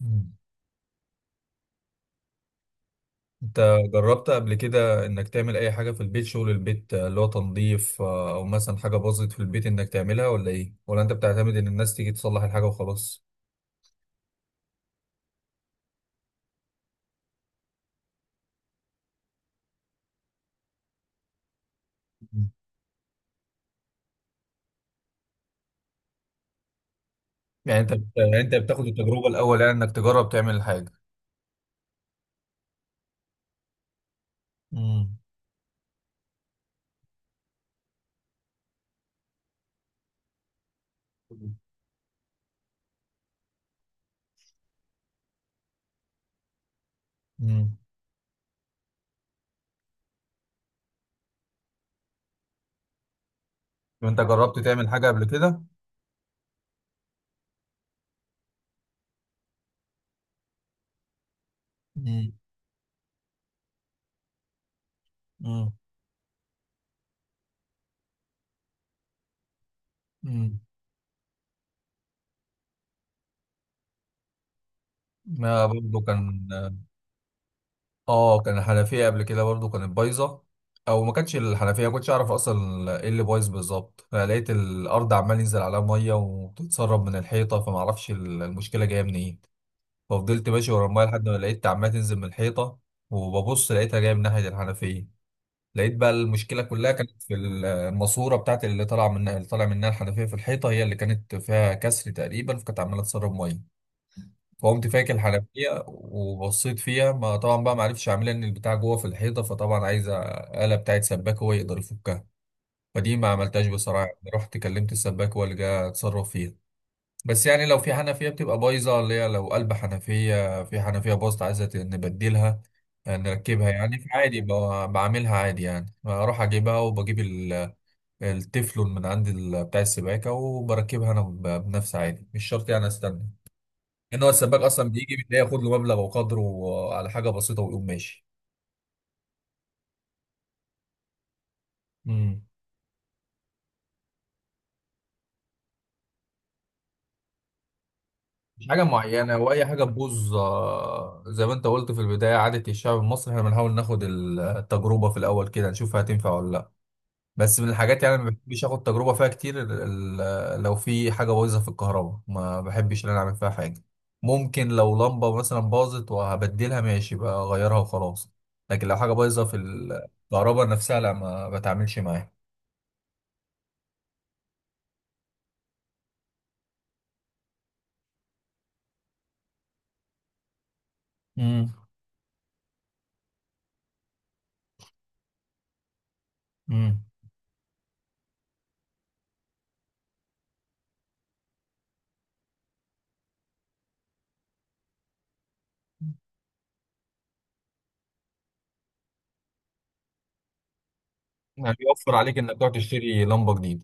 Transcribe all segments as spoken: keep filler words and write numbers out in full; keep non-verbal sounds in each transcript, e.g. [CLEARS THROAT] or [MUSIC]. مم. انت جربت قبل كده انك تعمل اي حاجة في البيت، شغل البيت، آه، اللي هو تنظيف، آه، او مثلا حاجة باظت في البيت، انك تعملها ولا ايه، ولا انت بتعتمد ان الناس تيجي تصلح الحاجة وخلاص؟ مم. يعني انت بت... يعني انت بتاخد التجربة الاول، يعني انك تجرب تعمل الحاجة. امم. امم. وانت جربت تعمل حاجة قبل كده؟ امم. امم. ما برضه كان. اه، كان الحنفيه قبل كده برضو كانت بايظه. او ما كانتش الحنفيه، ما كنتش اعرف اصلا ايه اللي بايظ بالظبط، فلقيت الارض عمال ينزل عليها ميه وبتتسرب من الحيطه، فما اعرفش ال- المشكله جايه منين. ففضلت ماشي ورا الميه لحد ما لقيت عمال تنزل من الحيطه، وببص لقيتها جايه من ناحيه الحنفيه. لقيت بقى المشكله كلها كانت في ال- الماسوره بتاعت اللي طالعه منها اللي طالع منها الحنفيه في الحيطه، هي اللي كانت فيها كسر تقريبا، فكانت عماله تسرب ميه. فقمت فاكر الحنفيه وبصيت فيها، ما طبعا بقى ما عرفتش اعملها، ان البتاع جوه في الحيطه، فطبعا عايز آلة بتاعت سباك هو يقدر يفكها. فدي ما عملتهاش بصراحه، يعني رحت كلمت السباك هو اللي جه اتصرف فيها. بس يعني لو في حنفيه بتبقى بايظه، اللي هي لو قلب حنفيه في حنفيه باظت عايزه نبدلها، آه، نركبها يعني عادي، ب- بعملها عادي، يعني اروح اجيبها وبجيب ال- التefلون من عند ال- بتاع السباكه وبركبها انا، ب- بنفسي عادي، مش شرط يعني استنى ان هو السباك اصلا بيجي بتلاقيه ياخد له مبلغ وقدره على حاجه بسيطه ويقوم ماشي. امم. مش حاجه معينه، واي حاجه تبوظ، آه، زي ما انت قلت في البدايه، عاده الشعب المصري، احنا بنحاول ناخد ال- التجربه في الاول كده نشوف هتنفع ولا لا. بس من الحاجات يعني ما بحبش اخد تجربه فيها كتير. ال- ال- لو في حاجه بايظه في الكهرباء ما بحبش ان انا اعمل فيها حاجه. ممكن لو لمبه مثلا باظت وهبدلها ماشي، بقى اغيرها وخلاص. لكن لو حاجه بايظه في الكهرباء نفسها، لا، ما بتعاملش معاها. امم. يعني بيوفر عليك انك تروح تشتري لمبه جديده.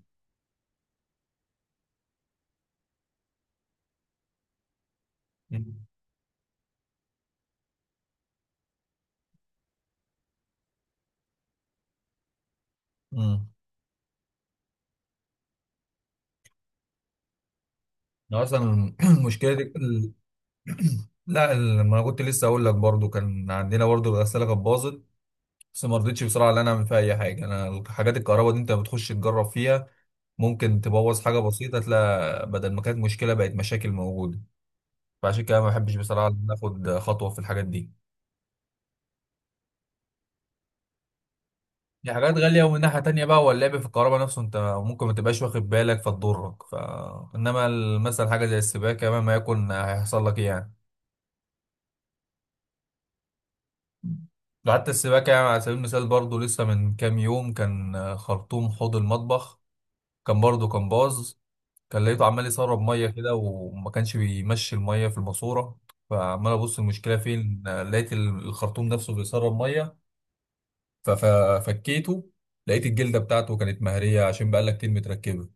امم. أنا اصلا [CLEARS THROAT] المشكله دي ال- [CLEARS THROAT] لا، ال- ما انا كنت لسه اقول لك برضو، كان عندنا برضو الغساله كانت باظت، بس ما رضيتش بصراحه ان انا اعمل فيها اي حاجه. انا حاجات الكهرباء دي انت بتخش تجرب فيها، ممكن تبوظ حاجه بسيطه، تلاقي بدل ما كانت مشكله بقت مشاكل موجوده. فعشان كده ما بحبش بصراحه ان أنا اخد خطوه في الحاجات دي. دي حاجات غالية، ومن ناحية تانية بقى هو اللعب في الكهرباء نفسه انت ممكن ما تبقاش واخد بالك فتضرك، ف... انما ال- مثلا حاجة زي السباكة مهما يكون هيحصل لك ايه يعني. ده حتى السباكة يعني على سبيل المثال، برضو لسه من كام يوم كان خرطوم حوض المطبخ، كان برضو كان باظ. كان لقيته عمال يسرب مية كده، وما كانش بيمشي المية في الماسورة. فعمال ابص المشكلة فين، لقيت الخرطوم نفسه بيسرب مية. ففكيته، لقيت الجلدة بتاعته كانت مهرية عشان بقالها كتير متركبة.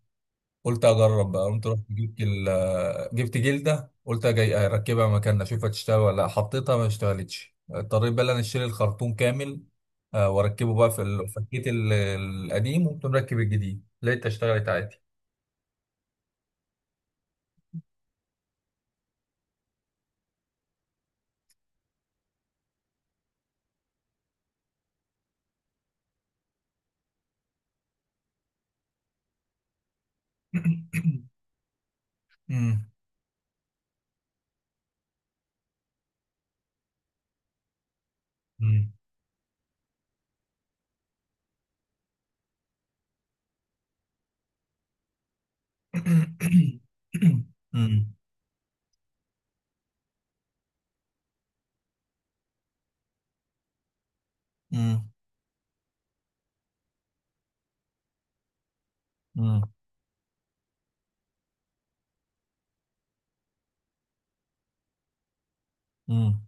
قلت اجرب بقى، قمت رحت جبت ال- جبت جلده، قلت جاي اركبها مكاننا اشوفها تشتغل ولا لا. حطيتها ما اشتغلتش، اضطريت بقى إن انا اشتري الخرطوم كامل، آه، واركبه بقى في ال- فكيت ال- القديم وقمت مركب الجديد، لقيتها اشتغلت عادي. [COUGHS] مم. مم. مم. مم. مم. مم.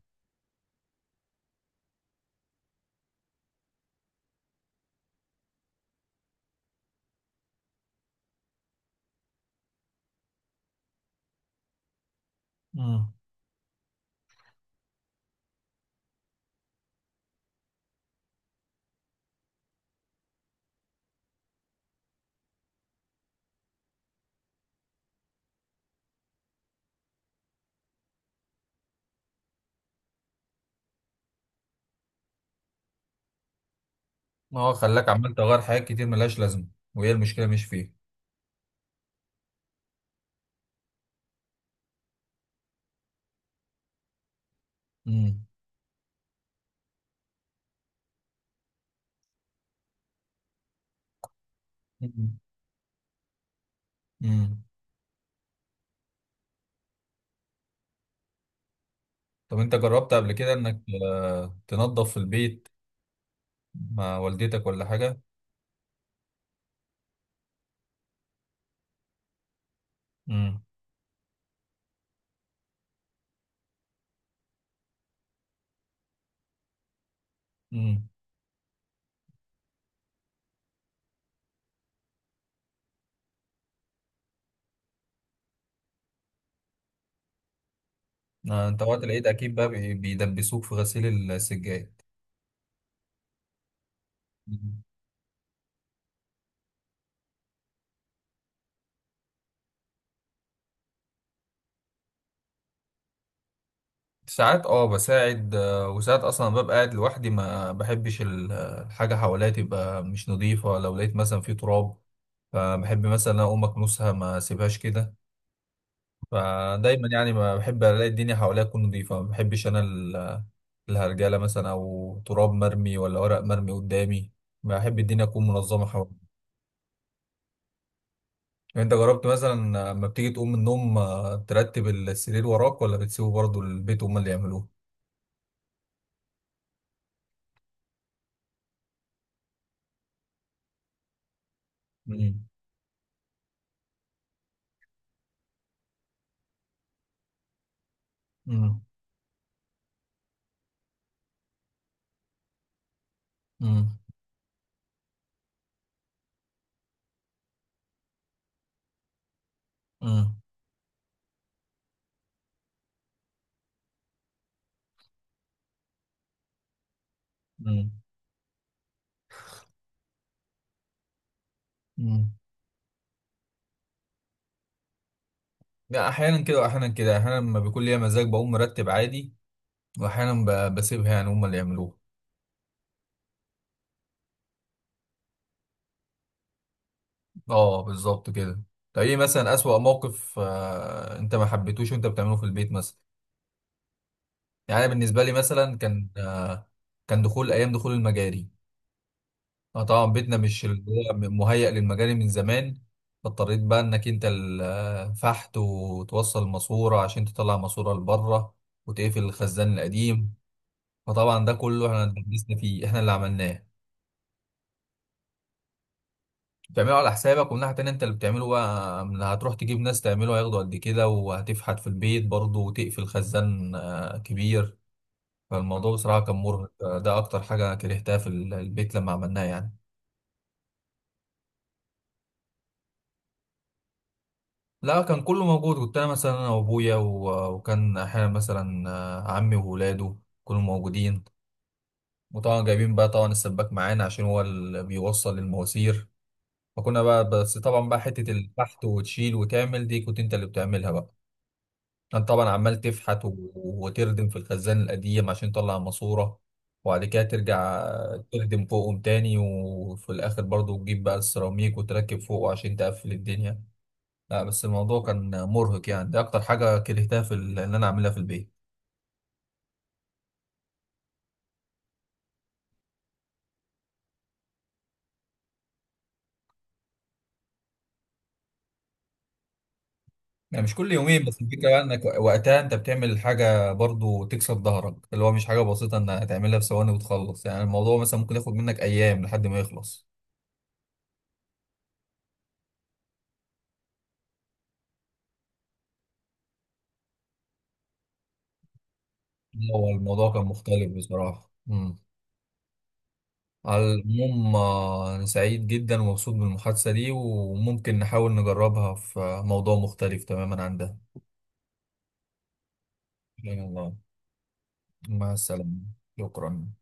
مم. [COUGHS] هو خلاك عمال تغير حاجات كتير ملهاش لازمه، وهي المشكله مش فيه. مم. مم. طب انت جربت قبل كده انك آه، تنظف في البيت مع والدتك ولا حاجة؟ امم. امم. آه، انت وقت العيد اكيد بقى بي- بيدبسوك في غسيل السجاد. مم. ساعات اه بساعد، آه، وساعات اصلا ببقى قاعد لوحدي، ما بحبش ال- الحاجة حواليا تبقى مش نظيفة، لو لقيت مثلا في تراب فبحب مثلا اقوم اكنسها ما اسيبهاش كده. فدايما يعني ما بحب الاقي الدنيا حواليا تكون نظيفه، ما بحبش انا ال- الهرجله مثلا او تراب مرمي ولا ورق مرمي قدامي. بحب الدنيا تكون منظمه حواليا. يعني انت جربت مثلا لما بتيجي تقوم من النوم آه، ترتب السرير وراك، ولا بتسيبه برضه البيت هم اللي يعملوه؟ مم. مم. مم. مم. مم. مم. لا، احيانا كده واحيانا كده، احيانا لما بيكون ليا مزاج بقوم مرتب عادي، واحيانا ب- بسيبها يعني هم اللي يعملوه. اه، بالظبط كده. طب ايه مثلا اسوأ موقف آه انت ما حبيتوش وانت بتعمله في البيت مثلا؟ يعني أنا بالنسبه لي مثلا كان آه كان دخول ايام دخول المجاري. اه، طبعا بيتنا مش اللي هو مهيأ للمجاري من زمان، فاضطريت بقى انك انت الفحت وتوصل ماسوره عشان تطلع ماسوره لبره وتقفل الخزان القديم. فطبعا ده كله احنا اتدبسنا فيه، احنا اللي عملناه. بتعمله على حسابك، ومن ناحية تانية انت اللي بتعمله بقى، من- هتروح تجيب ناس تعمله، هياخدوا قد كده، وهتفحت في البيت برضه وتقفل خزان آه، كبير. فالموضوع بصراحة كان مرهق، آه، ده أكتر حاجة كرهتها في ال- البيت لما عملناه يعني. لا، كان كله موجود، كنت أنا مثلا، أنا وأبويا و- وكان أحيانا مثلا آه، عمي وولاده كلهم موجودين. وطبعا جايبين بقى طبعا السباك معانا عشان هو اللي بيوصل المواسير. فكنا بقى، بس طبعا بقى حتة الفحت وتشيل وتعمل دي كنت انت اللي بتعملها بقى. انت طبعا عمال تفحت و- وتردم في الخزان القديم عشان تطلع ماسورة، وبعد كده ترجع تردم فوقهم تاني، وفي الاخر برضو تجيب بقى السيراميك وتركب فوقه عشان تقفل الدنيا. لا، بس الموضوع كان مرهق يعني، ده اكتر حاجة كرهتها في ال- ان انا اعملها في البيت. يعني مش كل يومين، بس الفكرة بقى انك وقتها انت بتعمل حاجة برضو تكسب ظهرك، اللي هو مش حاجة بسيطة انك هتعملها في ثواني وتخلص، يعني الموضوع مثلا ممكن ياخد منك ايام لحد ما يخلص. هو الموضوع كان مختلف بصراحة. مم. على العموم، آه، أنا سعيد جدا ومبسوط بالمحادثة دي، وممكن نحاول نجربها في موضوع مختلف تماما عن ده. إن شاء الله. مع السلامة. شكرا.